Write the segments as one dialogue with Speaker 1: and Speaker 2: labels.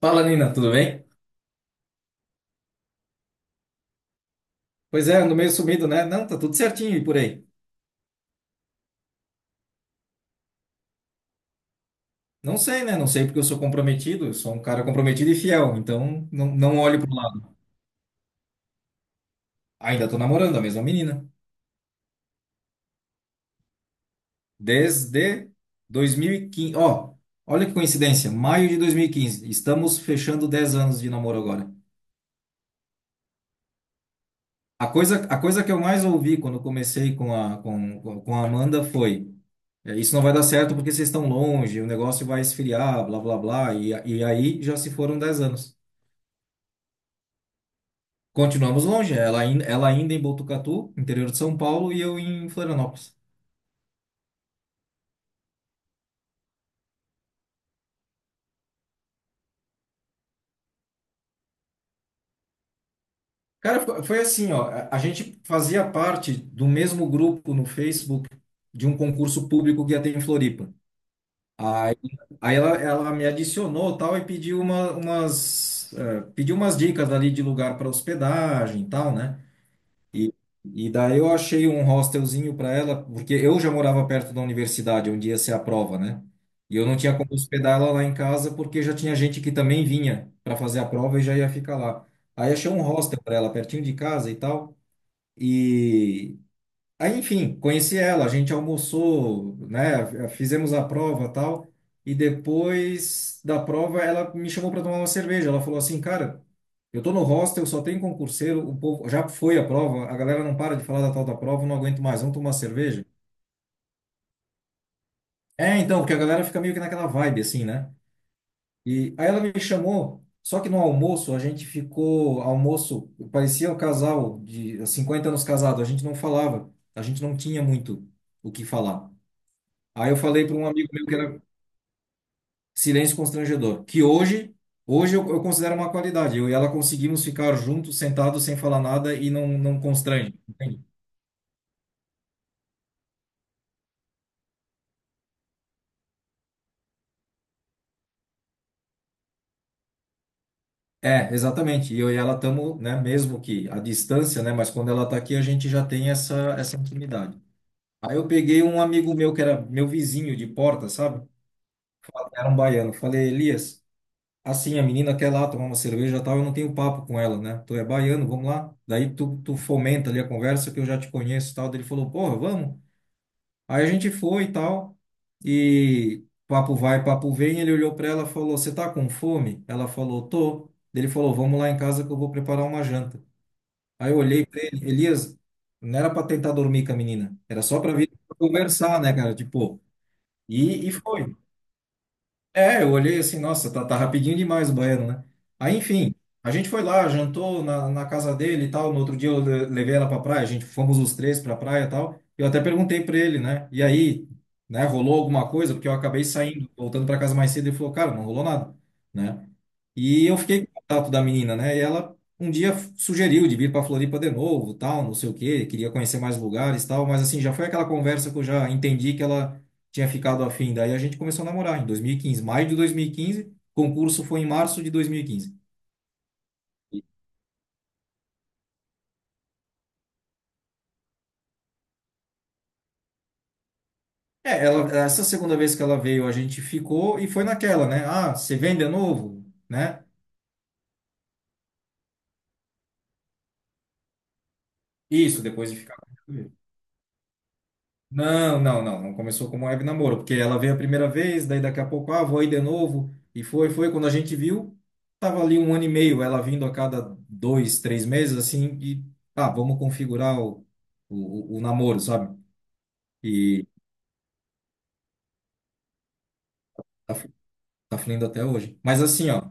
Speaker 1: Fala, Nina, tudo bem? Pois é, ando meio sumido, né? Não, tá tudo certinho e por aí. Não sei, né? Não sei porque eu sou comprometido, eu sou um cara comprometido e fiel, então não olho pro lado. Ainda tô namorando a mesma menina. Desde 2015. Ó, olha que coincidência, maio de 2015. Estamos fechando 10 anos de namoro agora. A coisa que eu mais ouvi quando comecei com a Amanda foi: é, isso não vai dar certo porque vocês estão longe, o negócio vai esfriar, blá blá blá. E aí já se foram 10 anos. Continuamos longe, ela ainda em Botucatu, interior de São Paulo, e eu em Florianópolis. Cara, foi assim, ó, a gente fazia parte do mesmo grupo no Facebook de um concurso público que ia ter em Floripa. Aí, aí ela me adicionou tal e pediu pediu umas dicas ali de lugar para hospedagem e tal, né? E, e daí eu achei um hostelzinho para ela, porque eu já morava perto da universidade, onde ia ser a prova, né? E eu não tinha como hospedar ela lá em casa, porque já tinha gente que também vinha para fazer a prova e já ia ficar lá. Aí achei um hostel para ela, pertinho de casa e tal. E, Aí, enfim, conheci ela, a gente almoçou, né? Fizemos a prova, tal, e depois da prova ela me chamou para tomar uma cerveja. Ela falou assim, cara, eu tô no hostel, só tem concurseiro, o povo já foi a prova, a galera não para de falar da tal da prova, eu não aguento mais, vamos tomar uma cerveja. É, então, porque a galera fica meio que naquela vibe assim, né? E aí ela me chamou, só que no almoço a gente ficou, almoço, parecia um casal de 50 anos casado, a gente não falava, a gente não tinha muito o que falar. Aí eu falei para um amigo meu que era silêncio constrangedor, que hoje eu considero uma qualidade. Eu e ela conseguimos ficar juntos, sentados, sem falar nada e não constrange. Entende? É, exatamente. E eu e ela estamos, né, mesmo que à distância, né, mas quando ela está aqui, a gente já tem essa intimidade. Aí eu peguei um amigo meu que era meu vizinho de porta, sabe? Era um baiano. Falei, Elias. Assim, a menina quer lá tomar uma cerveja e tal, eu não tenho papo com ela, né? Tu é baiano, vamos lá. Daí tu fomenta ali a conversa que eu já te conheço e tal. Daí ele falou, porra, vamos. Aí a gente foi e tal. E papo vai, papo vem. Ele olhou pra ela e falou, você tá com fome? Ela falou, tô. Daí ele falou, vamos lá em casa que eu vou preparar uma janta. Aí eu olhei pra ele, Elias, não era pra tentar dormir com a menina, era só pra vir conversar, né, cara? Tipo, e foi. É, eu olhei assim, nossa, tá rapidinho demais o banheiro, né? Aí, enfim, a gente foi lá, jantou na casa dele e tal. No outro dia eu levei ela pra praia, a gente fomos os três pra praia e tal. Eu até perguntei pra ele, né? E aí, né, rolou alguma coisa? Porque eu acabei saindo, voltando pra casa mais cedo. Ele falou, cara, não rolou nada, né? E eu fiquei com o contato da menina, né? E ela um dia sugeriu de vir pra Floripa de novo, tal, não sei o quê, queria conhecer mais lugares, tal. Mas assim, já foi aquela conversa que eu já entendi que ela tinha ficado afim. Daí a gente começou a namorar em 2015, maio de 2015. Concurso foi em março de 2015. É, ela, essa segunda vez que ela veio, a gente ficou e foi naquela, né? Ah, você vem de novo, né? Isso, depois de ficar. Não, não começou como web namoro, porque ela veio a primeira vez, daí daqui a pouco, ah, vou aí de novo. E foi, quando a gente viu, tava ali um ano e meio, ela vindo a cada dois, três meses, assim, e, ah, vamos configurar o namoro, sabe? E tá fluindo até hoje. Mas assim, ó.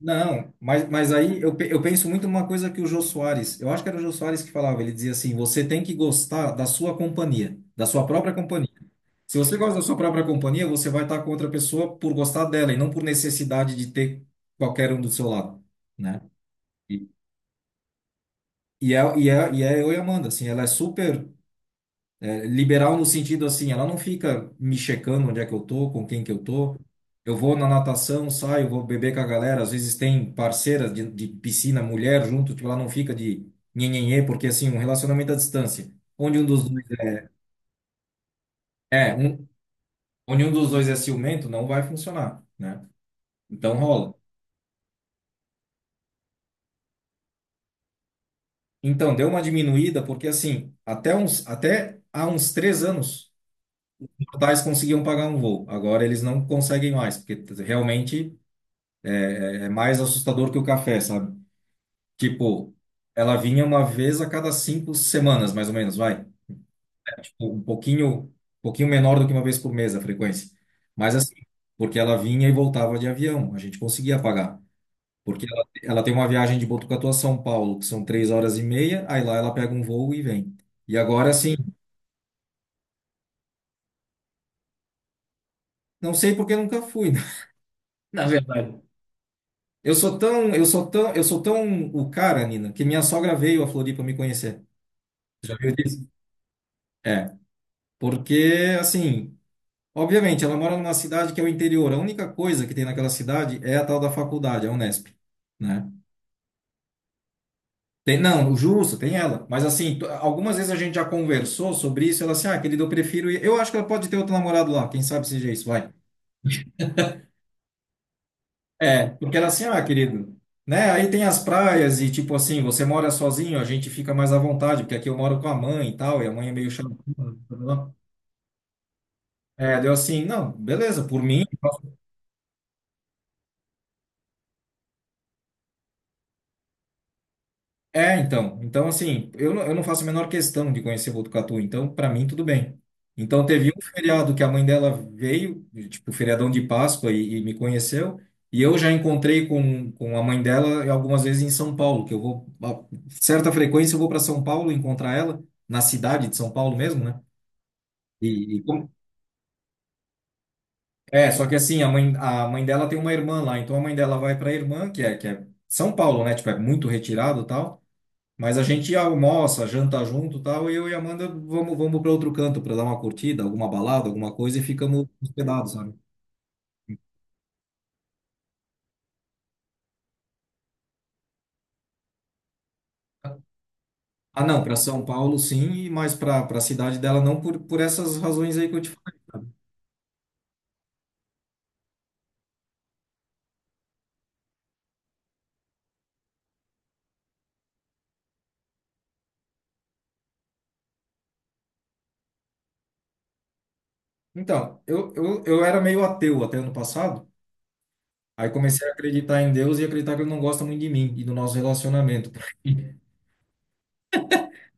Speaker 1: Não, mas aí eu, eu penso muito numa coisa que o Jô Soares, eu acho que era o Jô Soares que falava, ele dizia assim, você tem que gostar da sua companhia, da sua própria companhia. Se você gosta da sua própria companhia, você vai estar com outra pessoa por gostar dela e não por necessidade de ter qualquer um do seu lado, né? E, é eu e a Amanda, assim, ela é super é, liberal no sentido assim, ela não fica me checando onde é que eu tô, com quem que eu tô. Eu vou na natação, saio, vou beber com a galera. Às vezes tem parceiras de piscina, mulher junto, tipo, ela não fica de nhenhenhê, porque assim, um relacionamento à distância, onde um dos dois é, é um, onde um dos dois é ciumento, não vai funcionar, né? Então rola. Então, deu uma diminuída, porque assim, até uns, até há uns 3 anos, os portais conseguiam pagar um voo. Agora eles não conseguem mais, porque realmente é mais assustador que o café, sabe? Tipo, ela vinha uma vez a cada 5 semanas, mais ou menos, vai. Tipo, um pouquinho menor do que uma vez por mês a frequência. Mas assim, porque ela vinha e voltava de avião, a gente conseguia pagar. Porque ela, Ela tem uma viagem de Botucatu a São Paulo, que são 3 horas e meia, aí lá ela pega um voo e vem. E agora, assim, não sei porque nunca fui, né? Na verdade. Eu sou tão o cara, Nina, que minha sogra veio a Floripa me conhecer. Já viu disso? É, Porque, assim, obviamente, ela mora numa cidade que é o interior. A única coisa que tem naquela cidade é a tal da faculdade, a Unesp, né? Tem, não, o justo, tem ela. Mas, assim, algumas vezes a gente já conversou sobre isso. Ela assim, ah, querido, eu prefiro ir. Eu acho que ela pode ter outro namorado lá. Quem sabe seja isso, vai. É, porque ela assim, ah, querido, né? Aí tem as praias e, tipo assim, você mora sozinho, a gente fica mais à vontade, porque aqui eu moro com a mãe e tal, e a mãe é meio chata. É, deu assim, não, beleza, por mim. É, então. Então, assim, eu não faço a menor questão de conhecer Botucatu, então, para mim, tudo bem. Então, teve um feriado que a mãe dela veio, tipo, feriadão de Páscoa, e me conheceu, e eu já encontrei com a mãe dela algumas vezes em São Paulo, que eu vou, a certa frequência, eu vou para São Paulo encontrar ela, na cidade de São Paulo mesmo, né? E, e como- É, só que assim, a mãe dela tem uma irmã lá, então a mãe dela vai para a irmã, que é São Paulo, né? Tipo, é muito retirado e tal. Mas a gente almoça, janta junto, e tal, e eu e a Amanda vamos para outro canto para dar uma curtida, alguma balada, alguma coisa e ficamos hospedados, sabe? Ah, não, para São Paulo sim, mas para a cidade dela não por, por essas razões aí que eu te falei. Então, eu era meio ateu até ano passado, aí comecei a acreditar em Deus e acreditar que ele não gosta muito de mim e do nosso relacionamento.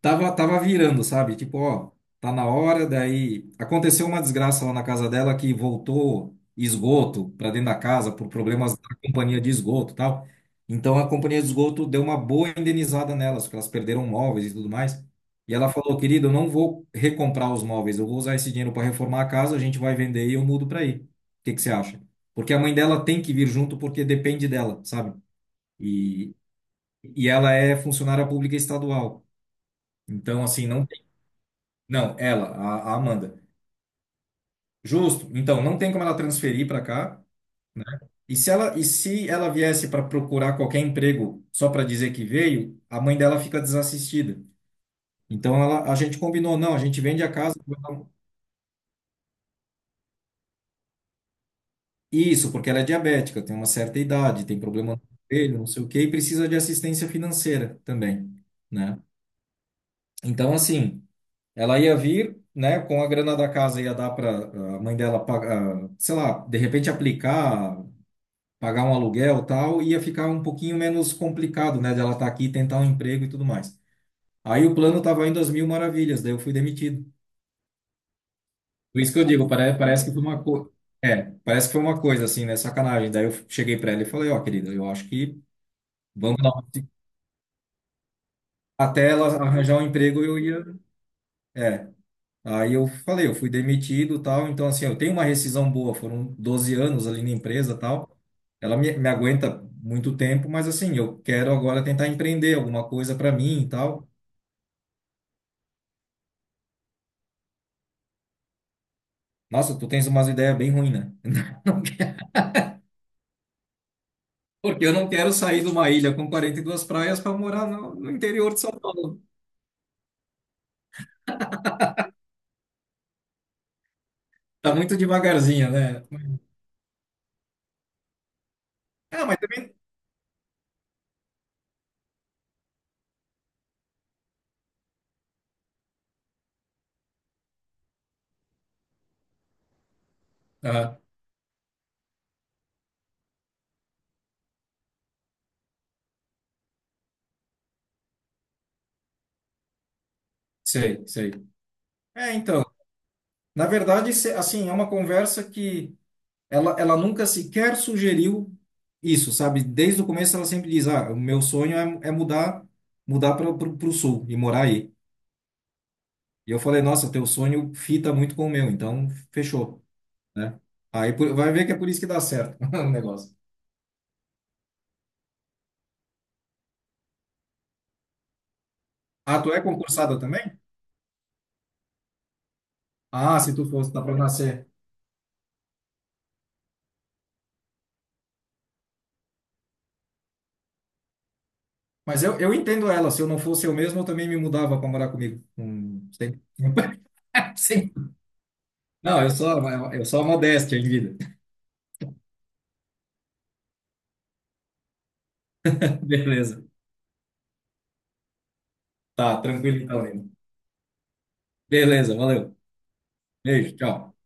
Speaker 1: Tava virando, sabe? Tipo, ó, tá na hora, daí aconteceu uma desgraça lá na casa dela que voltou esgoto para dentro da casa por problemas da companhia de esgoto, e tal. Então a companhia de esgoto deu uma boa indenizada nelas, porque elas perderam móveis e tudo mais. E ela falou, querido, eu não vou recomprar os móveis, eu vou usar esse dinheiro para reformar a casa, a gente vai vender e eu mudo para aí. O que que você acha? Porque a mãe dela tem que vir junto porque depende dela, sabe? E, e ela é funcionária pública estadual. Então, assim, não, ela, a Amanda. Justo. Então, não tem como ela transferir para cá, né? E se ela viesse para procurar qualquer emprego só para dizer que veio, a mãe dela fica desassistida. Então, a gente combinou, não, a gente vende a casa. Isso, porque ela é diabética, tem uma certa idade, tem problema no joelho, não sei o quê, e precisa de assistência financeira também, né? Então, assim, ela ia vir, né, com a grana da casa ia dar para a mãe dela pagar, sei lá, de repente aplicar pagar um aluguel e tal, ia ficar um pouquinho menos complicado, né, de ela estar aqui, tentar um emprego e tudo mais. Aí o plano estava indo às mil maravilhas, daí eu fui demitido. Por isso que eu digo, parece que foi uma coisa. É, parece que foi uma coisa assim, né? Sacanagem. Daí eu cheguei para ela e falei, ó, querida, eu acho que vamos dar uma... Até ela arranjar um emprego, eu ia. É, aí eu falei, eu fui demitido, tal, então assim, eu tenho uma rescisão boa, foram 12 anos ali na empresa, tal. Me aguenta muito tempo, mas assim, eu quero agora tentar empreender alguma coisa para mim e tal. Nossa, tu tens umas ideias bem ruins, né? Não quero- porque eu não quero sair de uma ilha com 42 praias para morar no, no interior de São Paulo. Tá muito devagarzinho, né? Ah, mas também. Ah, sei, sei. É, então, na verdade, se- assim, é uma conversa que ela nunca sequer sugeriu isso, sabe? Desde o começo ela sempre diz, ah, o meu sonho é, é mudar, mudar para o sul e morar aí. E eu falei, nossa, teu sonho fita muito com o meu, então fechou, né? Aí por- vai ver que é por isso que dá certo o negócio. Ah, tu é concursada também? Ah, se tu fosse, dá para nascer. Mas eu entendo ela, se eu não fosse eu mesmo, eu também me mudava para morar comigo. Sem... Sim. Não, eu sou a modéstia em vida. Beleza. Tá, tranquilo então, Lino. Beleza, valeu. Beijo, tchau.